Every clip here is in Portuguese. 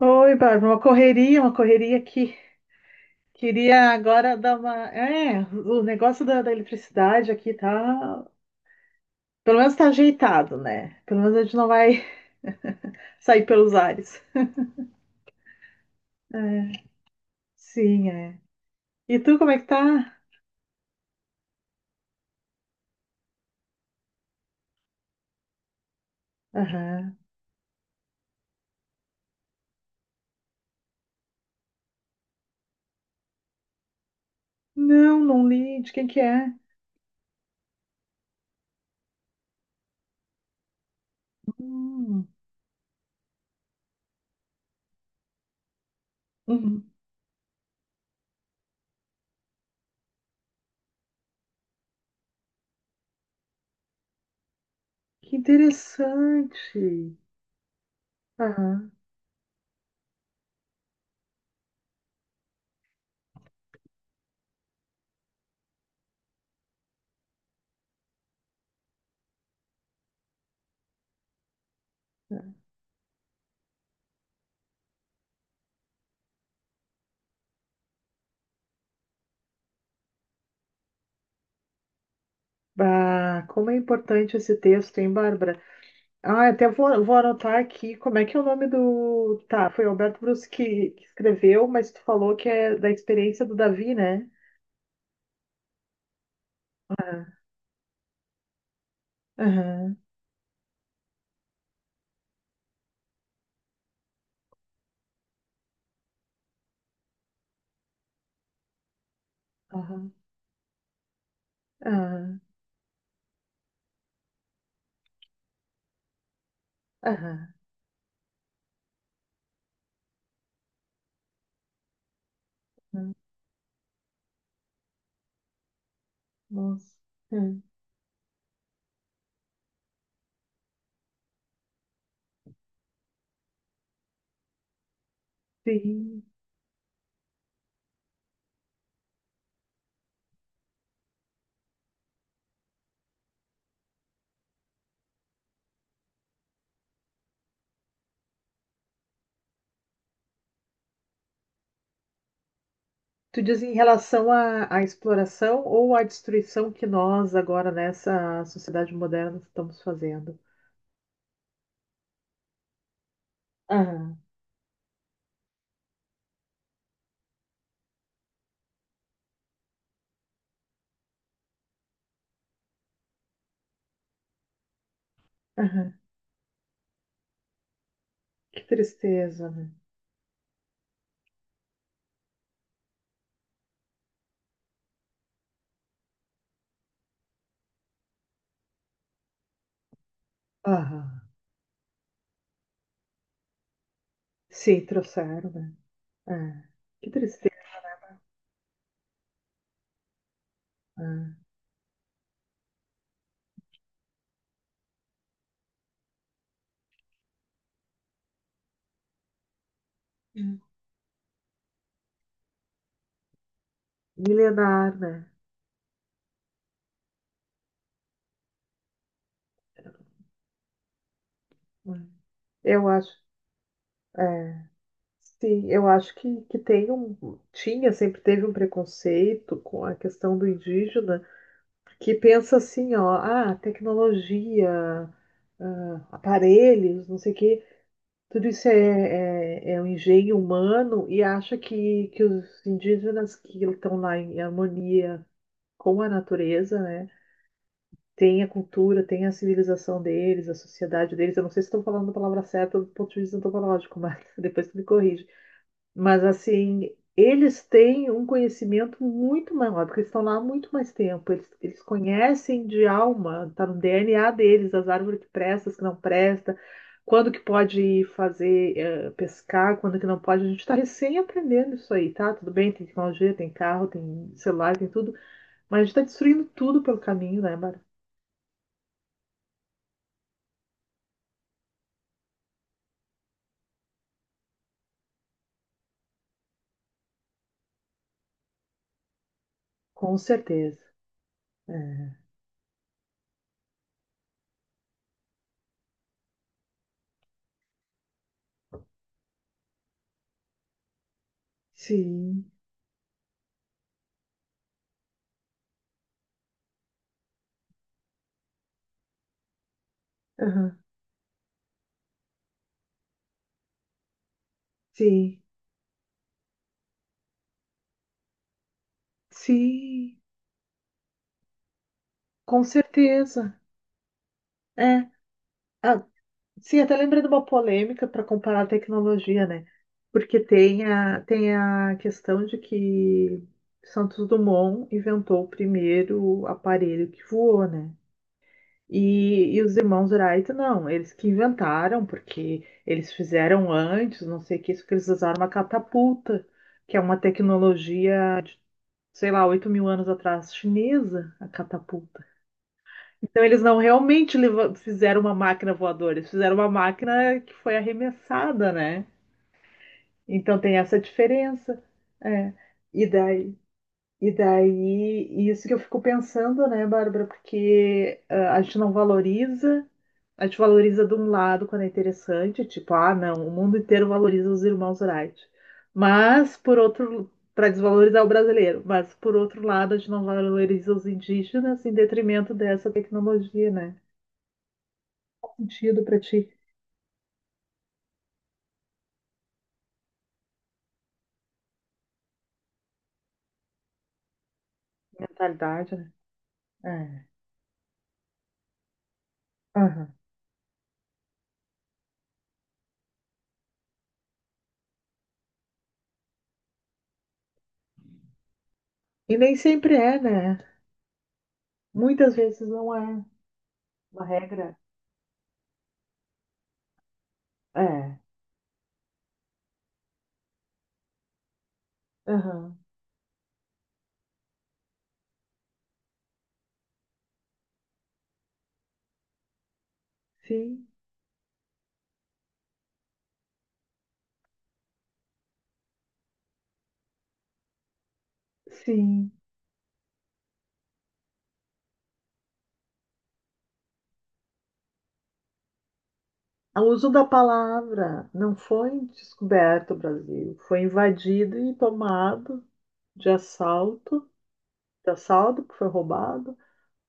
Oi, Bárbara, uma correria aqui. Queria agora dar uma. O negócio da eletricidade aqui tá. Pelo menos tá ajeitado, né? Pelo menos a gente não vai sair pelos ares. Sim, é. E tu, como é que tá? Aham. Não, não li. De quem que é? Hum. Uhum. Que interessante. Aham. Bah, como é importante esse texto, hein, Bárbara? Ah, até vou anotar aqui como é que é o nome do. Tá, foi o Alberto Bruschi que escreveu, mas tu falou que é da experiência do Davi, né? Ah. Aham, aham, aham, aham, aham. Nossa. Hum. Sim. Tu diz em relação à exploração ou à destruição que nós agora nessa sociedade moderna estamos fazendo? Aham, aham. Que tristeza, né? Aham. Sim, trouxeram, né? É. Que tristeza. Ah. Milenar, né? Hum. Eu acho, é, sim, eu acho que tem um, tinha, sempre teve um preconceito com a questão do indígena, que pensa assim, ó, ah, tecnologia, ah, aparelhos, não sei o quê, tudo isso é um engenho humano e acha que os indígenas que estão lá em harmonia com a natureza, né? Tem a cultura, tem a civilização deles, a sociedade deles. Eu não sei se estou falando a palavra certa do ponto de vista antropológico, mas depois tu me corrige. Mas assim, eles têm um conhecimento muito maior, porque eles estão lá há muito mais tempo. Eles conhecem de alma, está no DNA deles, as árvores que prestam, as que não prestam, quando que pode ir fazer pescar, quando que não pode. A gente está recém aprendendo isso aí, tá? Tudo bem, tem tecnologia, tem carro, tem celular, tem tudo, mas a gente está destruindo tudo pelo caminho, né, Bárbara? Com certeza. É. Sim. Aham. Sim. Sim. Com certeza. É. Ah, sim, até lembrei de uma polêmica para comparar a tecnologia, né? Porque tem a questão de que Santos Dumont inventou o primeiro aparelho que voou, né? E os irmãos Wright, não, eles que inventaram, porque eles fizeram antes, não sei o que, isso que eles usaram uma catapulta, que é uma tecnologia sei lá, 8 mil anos atrás, chinesa, a catapulta. Então eles não realmente fizeram uma máquina voadora, eles fizeram uma máquina que foi arremessada, né? Então tem essa diferença. É. E daí, isso que eu fico pensando, né, Bárbara, porque ah, a gente não valoriza a gente valoriza de um lado quando é interessante, tipo, ah, não, o mundo inteiro valoriza os irmãos Wright. Mas, por outro, para desvalorizar o brasileiro, mas por outro lado, a gente não valoriza os indígenas em detrimento dessa tecnologia, né? Faz sentido para ti, mentalidade, né? É. Aham. E nem sempre é, né? Muitas vezes não é uma regra. É. Aham. Sim, sim. O uso da palavra não foi descoberto o Brasil, foi invadido e tomado de assalto, de assalto que foi roubado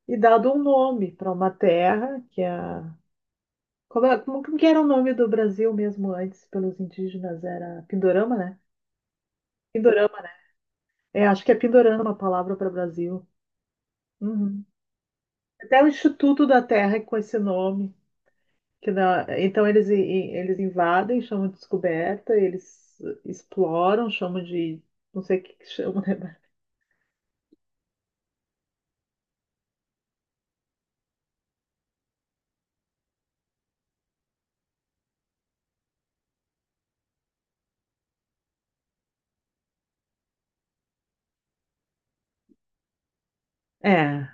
e dado um nome para uma terra que é como, como que era o nome do Brasil mesmo antes pelos indígenas era Pindorama, né? Pindorama, né? É, acho que é Pindorama a palavra para Brasil. Uhum. Até o Instituto da Terra é com esse nome. Que então eles, eles invadem, chamam de descoberta, eles exploram, chamam de. Não sei o que que chamam, né? É.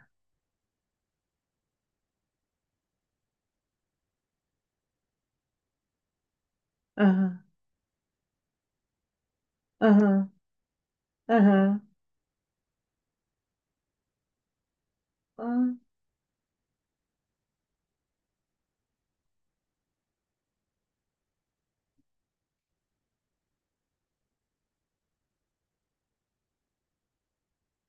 Aham, aham, aham. Ah.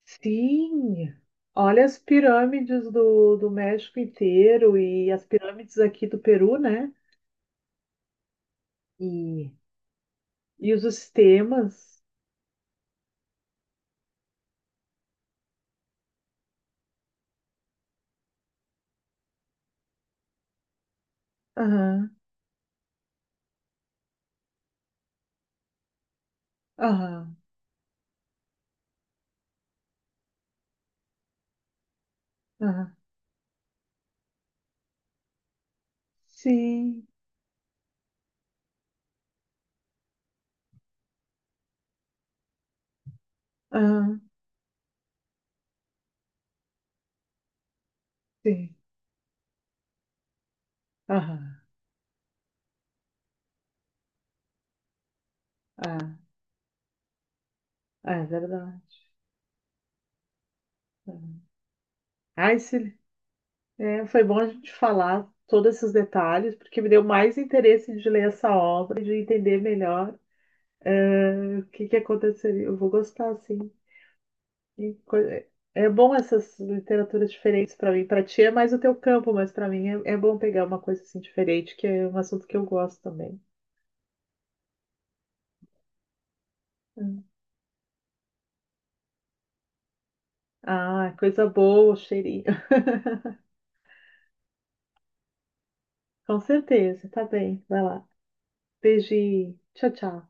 Sim! Olha as pirâmides do México inteiro e as pirâmides aqui do Peru, né? E, e os sistemas. Aham, aham, aham. Sim, aham, sim. Aham, ah, é verdade. Aham. Ai, se. É, foi bom a gente falar todos esses detalhes, porque me deu mais interesse de ler essa obra e de entender melhor, o que que aconteceria. Eu vou gostar, sim. E co-. É bom essas literaturas diferentes para mim. Para ti é mais o teu campo, mas para mim é bom pegar uma coisa assim diferente, que é um assunto que eu gosto também. Hum. Ah, coisa boa, cheirinho. Com certeza, tá bem. Vai lá. Beijinho. Tchau, tchau.